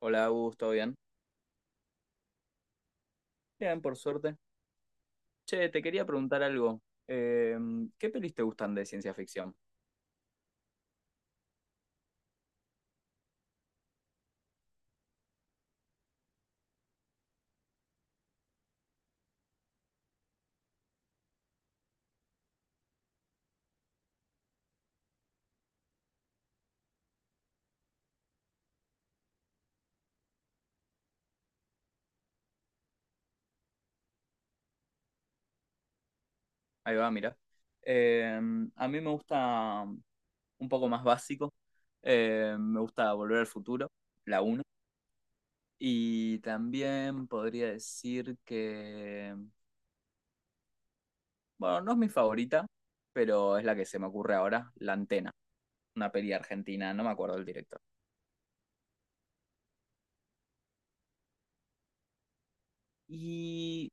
Hola, Augusto, ¿todo bien? Bien, por suerte. Che, te quería preguntar algo. Eh, ¿Qué pelis te gustan de ciencia ficción? Ahí va, mira. Eh, a mí me gusta un poco más básico. Me gusta Volver al Futuro, la 1. Y también podría decir que, bueno, no es mi favorita, pero es la que se me ocurre ahora, La Antena, una peli argentina, no me acuerdo del director. Y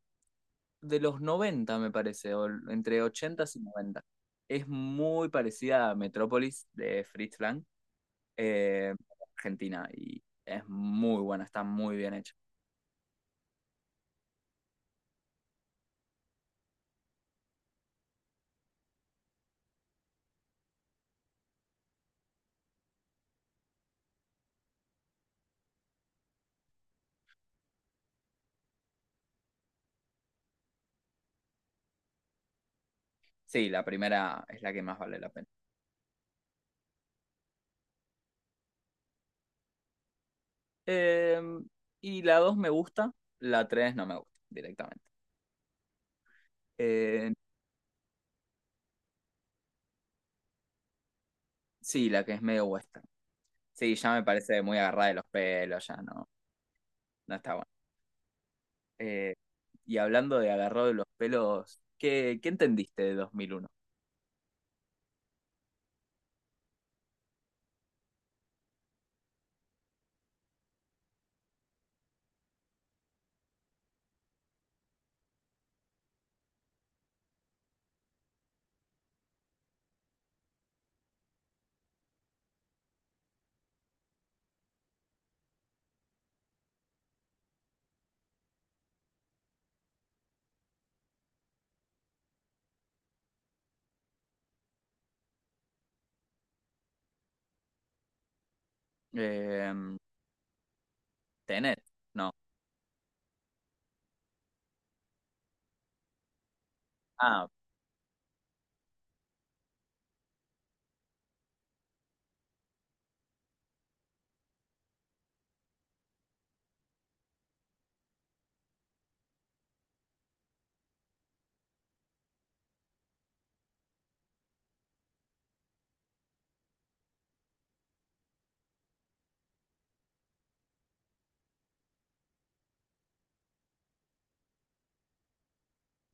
de los 90 me parece, o entre 80 y noventa. Es muy parecida a Metrópolis de Fritz Lang, eh, Argentina, y es muy buena, está muy bien hecha. Sí, la primera es la que más vale la pena. Eh, y la 2 me gusta, la 3 no me gusta directamente. Eh, sí, la que es medio western. Sí, ya me parece muy agarrada de los pelos, ya no, no está bueno. Eh, y hablando de agarrado de los pelos, ¿qué entendiste de 2001? Eh, Tenet, no. Ah,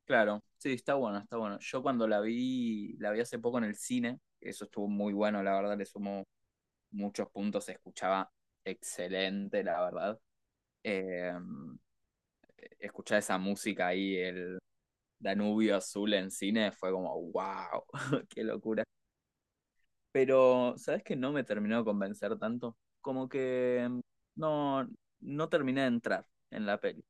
claro. Sí, está bueno, está bueno. Yo cuando la vi hace poco en el cine, eso estuvo muy bueno, la verdad, le sumó muchos puntos, se escuchaba excelente, la verdad. Eh, Escuchar esa música ahí, el Danubio Azul en cine, fue como, wow, qué locura. Pero, ¿sabes qué? No me terminó de convencer tanto. Como que mm, no, no terminé de entrar en la peli.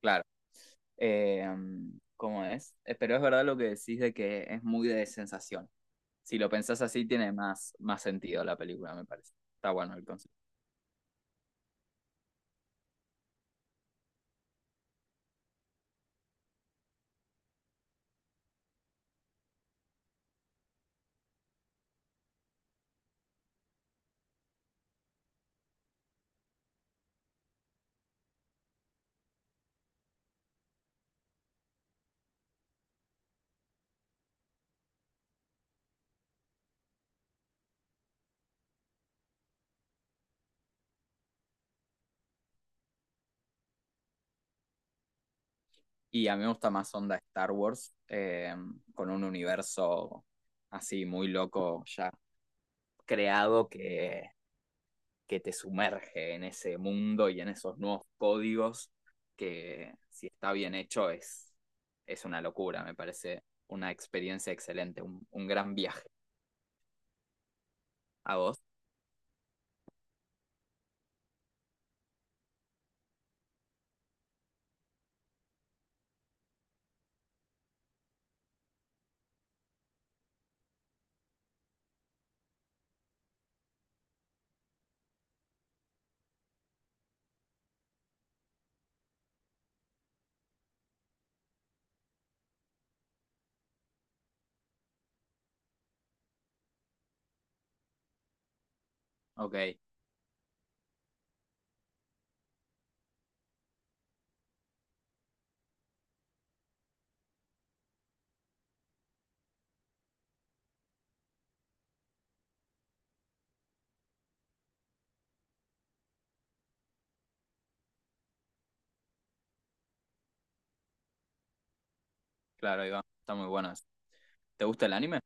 Claro. Eh, ¿cómo es? Pero es verdad lo que decís de que es muy de sensación. Si lo pensás así, tiene más, más sentido la película, me parece. Está bueno el concepto. Y a mí me gusta más onda Star Wars, con un universo así muy loco ya creado que te sumerge en ese mundo y en esos nuevos códigos que si está bien hecho es una locura, me parece una experiencia excelente, un gran viaje. ¿A vos? Ok. Claro, ahí va. Están muy buenas. ¿Te gusta el anime?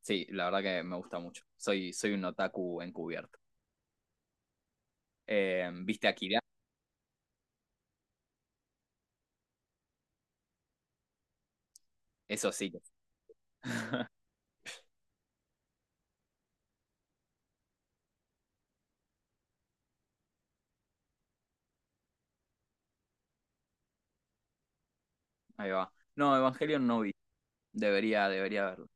Sí, la verdad que me gusta mucho. Soy un otaku encubierto. ¿Viste Akira? Eso sí. que- Ahí va. No, Evangelion no vi. Debería verlo.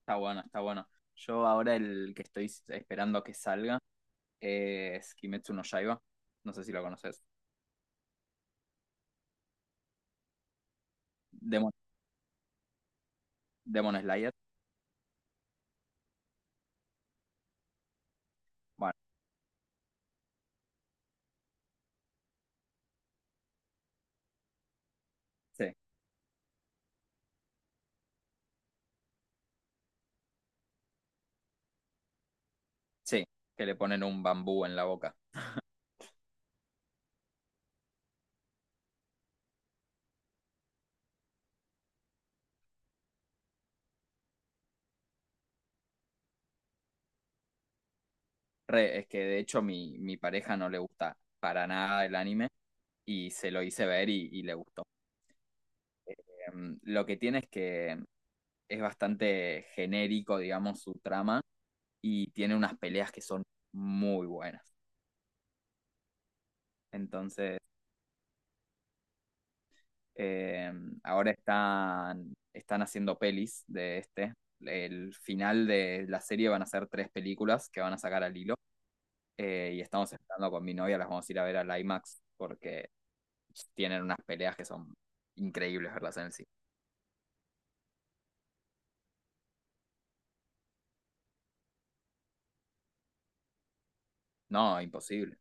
Está bueno, está bueno. Yo ahora el que estoy esperando que salga es Kimetsu no Yaiba. No sé si lo conoces. Demon, Demon Slayer. Bueno, sí, sí. Que le ponen un bambú en la boca. Re, es que de hecho mi pareja no le gusta para nada el anime y se lo hice ver y le gustó. Lo que tiene es que es bastante genérico, digamos, su trama y tiene unas peleas que son muy buenas. Entonces, eh, ahora están haciendo pelis de este. El final de la serie van a ser tres películas que van a sacar al hilo. Eh, y estamos esperando con mi novia, las vamos a ir a ver al IMAX porque tienen unas peleas que son increíbles verlas en el cine. No, imposible.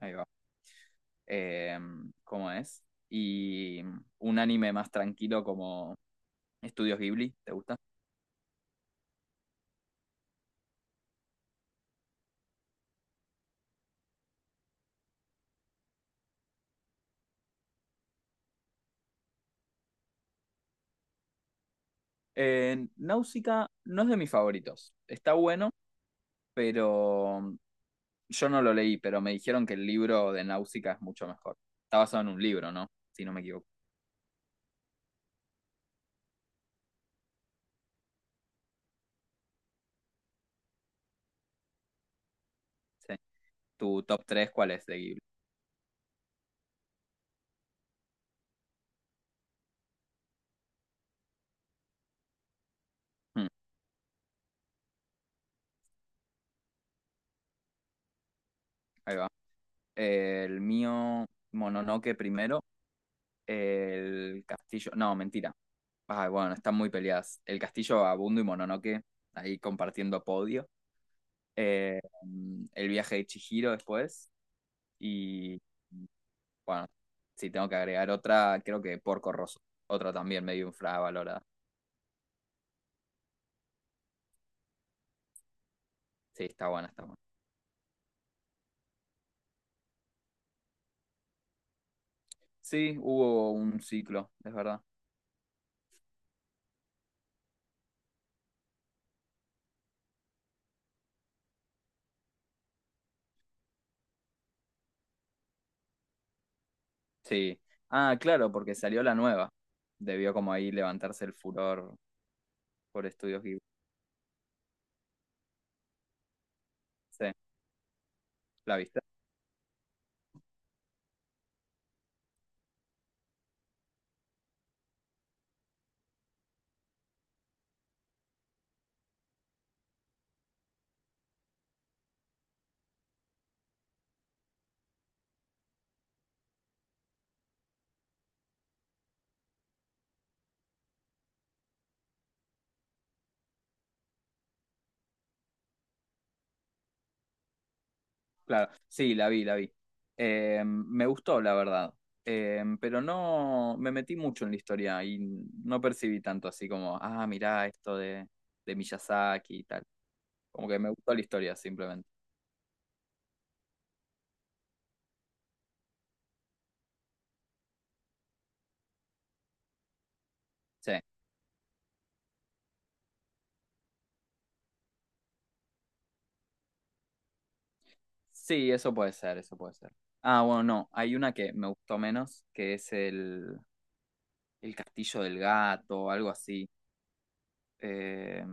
Ahí va. eh, ¿Cómo es? Y un anime más tranquilo como Estudios Ghibli, ¿te gusta? Náusica no es de mis favoritos. Está bueno, pero yo no lo leí, pero me dijeron que el libro de Náusica es mucho mejor. Está basado en un libro, ¿no? Si no me equivoco. Sí. ¿Tu top 3 cuál es de Ghibli? Hmm, ahí va. El mío, Mononoke primero, El castillo. No, mentira. Ay, bueno, están muy peleadas. El castillo Abundo y Mononoke, ahí compartiendo podio. Eh, el viaje de Chihiro después. Y bueno, si tengo que agregar otra, creo que Porco Rosso. Otra también medio infravalorada. Sí, está buena, está buena. Sí, hubo un ciclo, es verdad. Sí. Ah, claro, porque salió la nueva. Debió como ahí levantarse el furor por estudios Ghibli. Sí, ¿la viste? Claro, sí, la vi, la vi. Me gustó, la verdad. Pero no me metí mucho en la historia y no percibí tanto así como, ah, mirá esto de Miyazaki y tal. Como que me gustó la historia simplemente. Sí, sí, eso puede ser, eso puede ser. Ah, bueno, no, hay una que me gustó menos, que es el Castillo del Gato, algo así. Eh,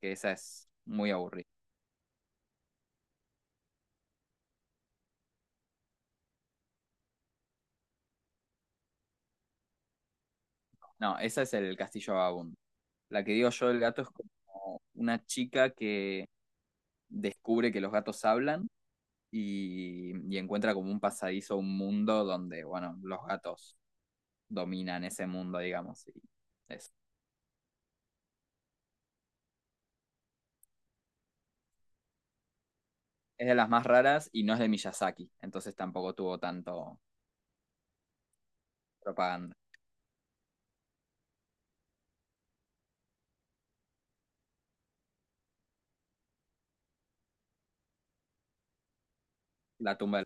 que esa es muy aburrida. No, esa es el Castillo Vagabundo. La que digo yo del gato es como una chica que descubre que los gatos hablan y encuentra como un pasadizo, un mundo donde, bueno, los gatos dominan ese mundo, digamos. Y es, es de las más raras y no es de Miyazaki, entonces tampoco tuvo tanto propaganda. La tumba del...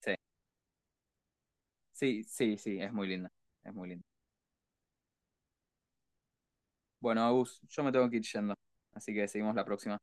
Sí, sí, sí, sí, es muy linda, es muy linda. Bueno, Agus, yo me tengo que ir yendo, así que seguimos la próxima.